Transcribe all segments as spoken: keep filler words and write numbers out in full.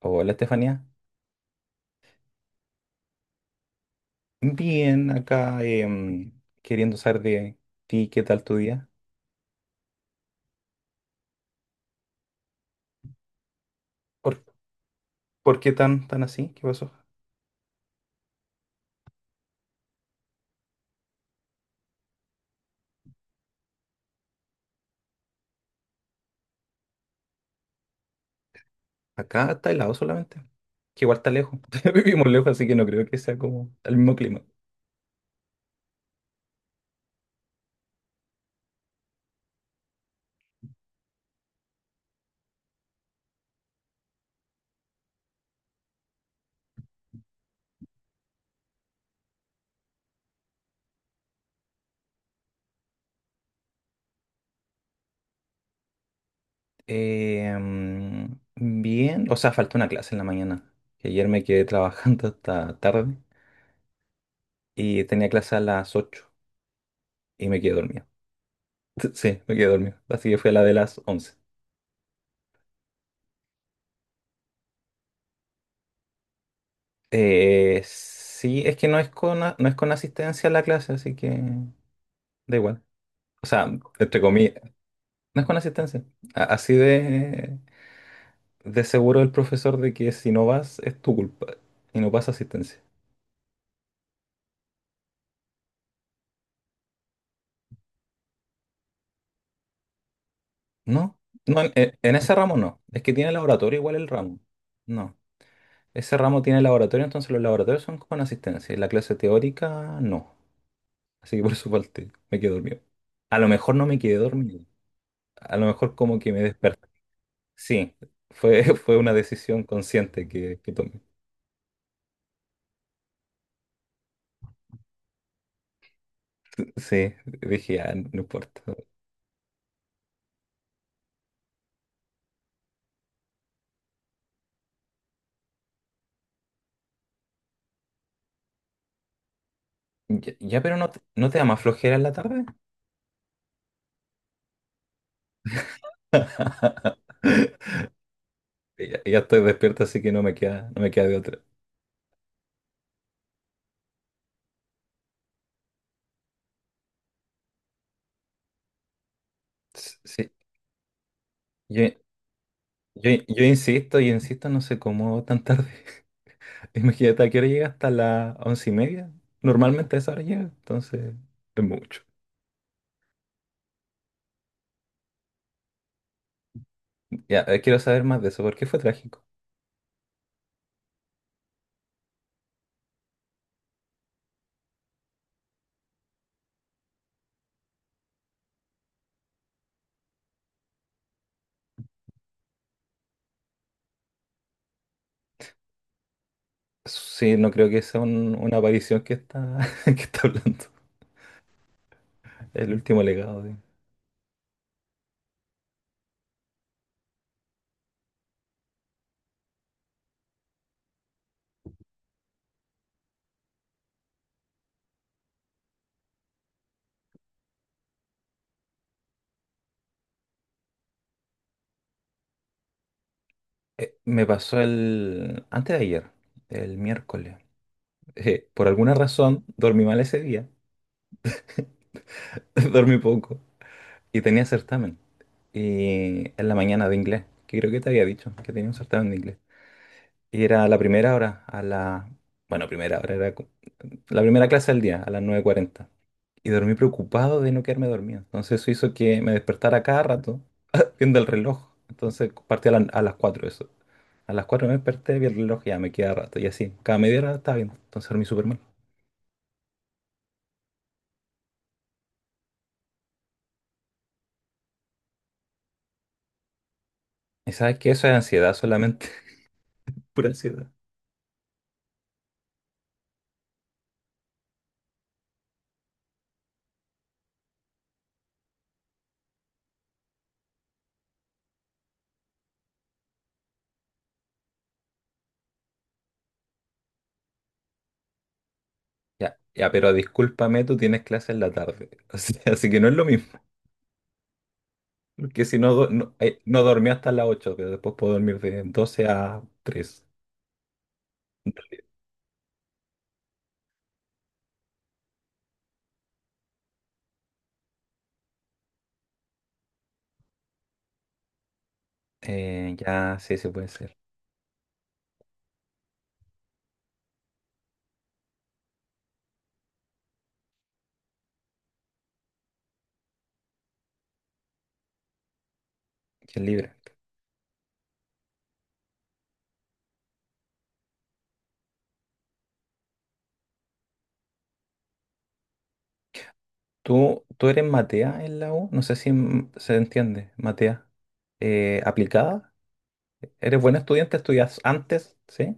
Hola Estefanía, bien acá em, queriendo saber de ti, ¿qué tal tu día? ¿Por, ¿Por qué tan, tan así? ¿Qué pasó? Acá está helado solamente, que igual está lejos, vivimos lejos, así que no creo que sea como el mismo clima. Em, bien, o sea, faltó una clase en la mañana, que ayer me quedé trabajando hasta tarde y tenía clase a las ocho y me quedé dormido. Sí, me quedé dormido, así que fue a la de las once. Eh, sí, es que no es con, no es con asistencia a la clase, así que... Da igual. O sea, entre comillas, no es con asistencia. A- Así de, de seguro el profesor de que si no vas es tu culpa y no pasa asistencia. No, no, en, en- en ese ramo no. Es que tiene laboratorio igual el ramo. No, ese ramo tiene laboratorio, entonces los laboratorios son con asistencia y la clase teórica no. Así que por eso falté, me quedé dormido. A lo mejor no me quedé dormido. A lo mejor como que me desperté. Sí, fue, fue una decisión consciente que, que tomé. Sí, dije, ah, no importa. Ya, ya, pero no te, ¿no te da más flojera en la tarde? Ya, ya estoy despierto, así que no me queda, no me queda de otra. S- Sí, yo, yo, yo insisto, yo insisto, no sé cómo tan tarde. Imagínate, ¿a qué hora llega? Hasta las once y media. Normalmente a esa hora llega, entonces es mucho. Ya, eh, quiero saber más de eso, ¿por qué fue trágico? Sí, no creo que sea un- una aparición que está, que está hablando. El último legado de... Eh, me pasó el... antes de ayer, el miércoles. Eh, por alguna razón dormí mal ese día, dormí poco y tenía certamen. Y en la mañana de inglés, que creo que te había dicho que tenía un certamen de inglés. Y era la primera hora, a la... Bueno, primera hora era co- la primera clase del día, a las nueve cuarenta. Y dormí preocupado de no quedarme dormido. Entonces eso hizo que me despertara cada rato viendo el reloj. Entonces partí a, la- a las cuatro eso. A las cuatro me desperté, vi el reloj y ya me queda rato. Y así, cada media hora estaba viendo. Entonces dormí súper mal. Y sabes que eso es ansiedad solamente. Pura ansiedad. Ya, ya, pero discúlpame, tú tienes clase en la tarde. O sea, así que no es lo mismo. Porque si no, do- no, eh, no dormí hasta las ocho, pero después puedo dormir de doce a tres. Eh, ya, sí, sí puede ser. Que es libre. ¿Tú, tú eres Matea en la U? No sé si mm, se entiende. Matea. Eh, ¿aplicada? ¿Eres buena estudiante? ¿Estudias antes? ¿Sí?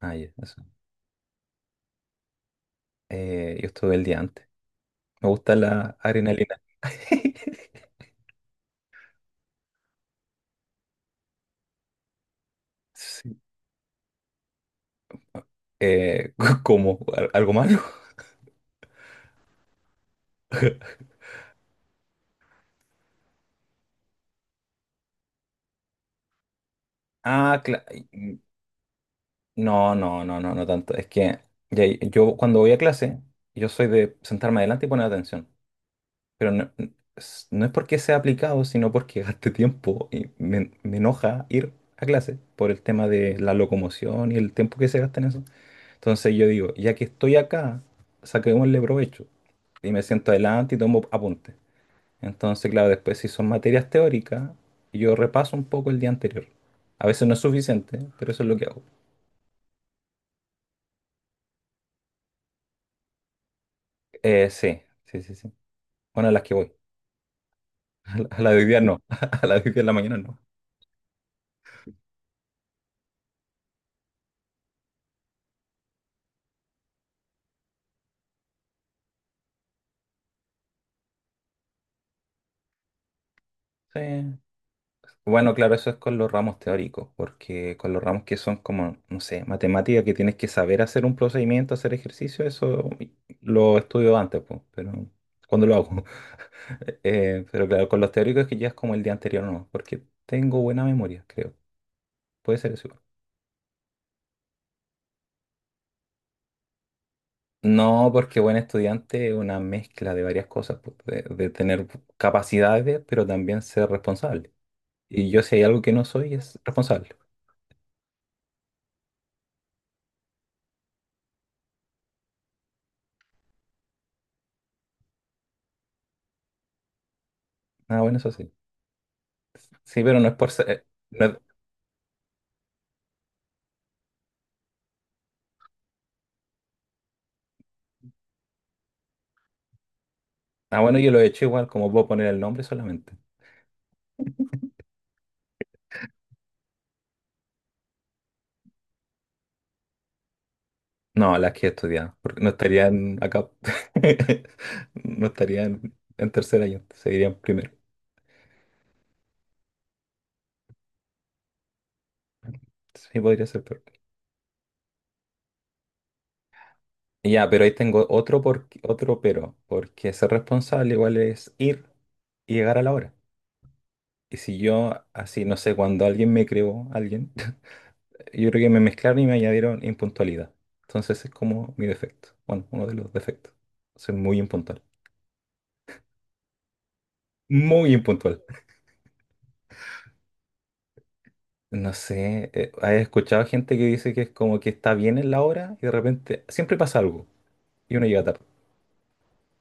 Ah, ya, eso. Eh, yo estuve el día antes. Me gusta la adrenalina. Sí. Eh, ¿Cómo? ¿Al- Algo malo? Ah, claro. No, no, no, no, no tanto. Es que ya- yo cuando voy a clase, yo soy de sentarme adelante y poner atención. Pero no, es no es porque sea aplicado, sino porque gaste tiempo y me, me enoja ir a clase por el tema de la locomoción y el tiempo que se gasta en eso. Entonces yo digo, ya que estoy acá, saquémosle provecho. Y me siento adelante y tomo apuntes. Entonces, claro, después si son materias teóricas, yo repaso un poco el día anterior. A veces no es suficiente, pero eso es lo que hago. Eh, sí, sí, sí, sí. Bueno, a las que voy. A la a la de hoy día no. A la de hoy día en la mañana no. Sí. Bueno, claro, eso es con los ramos teóricos, porque con los ramos que son como, no sé, matemática, que tienes que saber hacer un procedimiento, hacer ejercicio, eso lo estudio antes, pues, pero cuando lo hago. Eh, pero claro, con los teóricos que ya es como el día anterior, no, porque tengo buena memoria, creo. Puede ser eso. Igual. No, porque buen estudiante es una mezcla de varias cosas, pues, de, de tener capacidades, pero también ser responsable. Y yo si hay algo que no soy es responsable. Ah, bueno, eso sí. Sí, pero no es por ser... no es- Ah, bueno, yo lo he hecho igual, como puedo poner el nombre solamente. No, las que he estudiado, porque no estarían acá. No estarían en tercer año, seguirían primero. Sí, podría ser peor. Y ya, pero ahí tengo otro, por... otro pero, porque ser responsable igual es ir y llegar a la hora. Y si yo, así, no sé, cuando alguien me creó, alguien... Yo creo que me mezclaron y me añadieron impuntualidad. Entonces es como mi defecto. Bueno, uno de los defectos. Soy muy impuntual. Muy impuntual. No sé, eh, ¿has escuchado gente que dice que es como que está bien en la hora y de repente siempre pasa algo y uno llega tarde?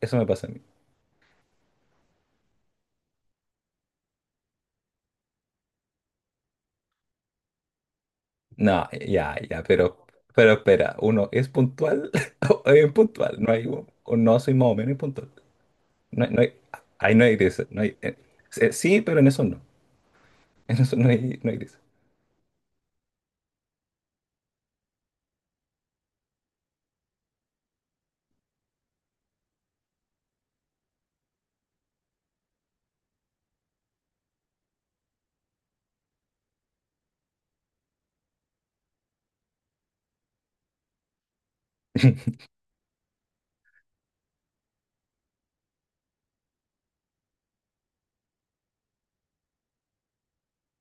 Eso me pasa a mí. No, ya, ya, pero, pero espera, ¿uno es puntual o es impuntual? No hay, un- o no soy más o menos impuntual. No, hay- no hay, ahí no hay gris, no hay, eh, eh, sí, pero en eso no. En eso no hay, no hay gris.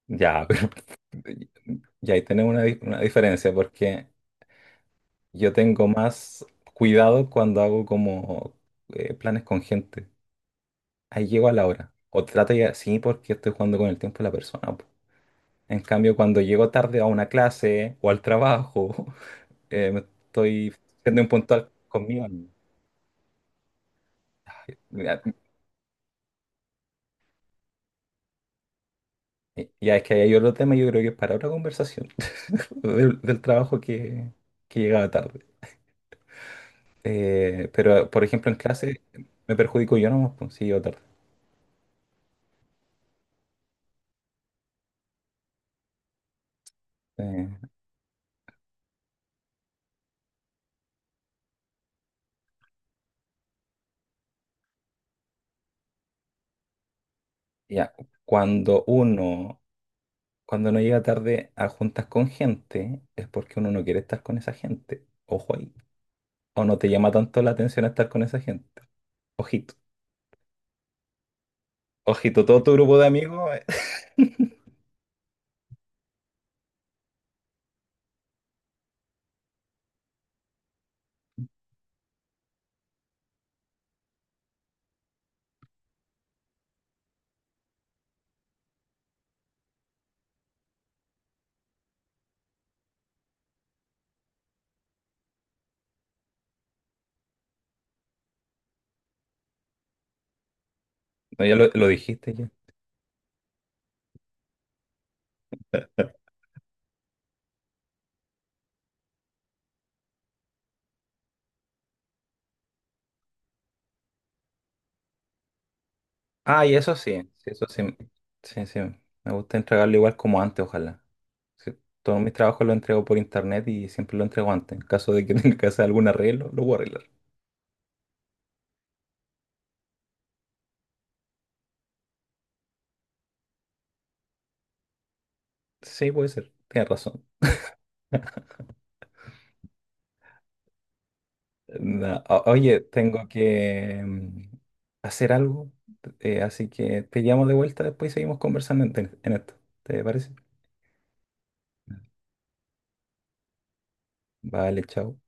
Ya, pero y ahí tenemos una, di- una diferencia porque yo tengo más cuidado cuando hago como eh, planes con gente. Ahí llego a la hora. O trato ya, sí, porque estoy jugando con el tiempo de la persona. Po. En cambio, cuando llego tarde a una clase o al trabajo, eh, me estoy siendo impuntual conmigo. Mismo. Mira, y- ya es que hay otro tema, yo creo que es para otra conversación del, del trabajo que, que llegaba tarde. Eh, pero, por ejemplo, en clase me perjudico yo nomás, pues, si llego tarde. Eh, Ya, cuando uno, cuando no llega tarde a juntas con gente, es porque uno no quiere estar con esa gente. Ojo ahí. O no te llama tanto la atención estar con esa gente. Ojito. Ojito, todo tu grupo de amigos. Eh, no, ya lo, lo dijiste ya. Ah, y eso sí, sí, eso sí. Sí, sí. Me gusta entregarlo igual como antes, ojalá. Sí, todos mis trabajos los entrego por internet y siempre lo entrego antes. En caso de que tenga que hacer algún arreglo, lo voy a arreglar. Sí, puede ser. Tienes razón. No, o- oye, tengo que mm, hacer algo, eh, así que te llamo de vuelta después y seguimos conversando en, en esto. ¿Te parece? Vale, chao.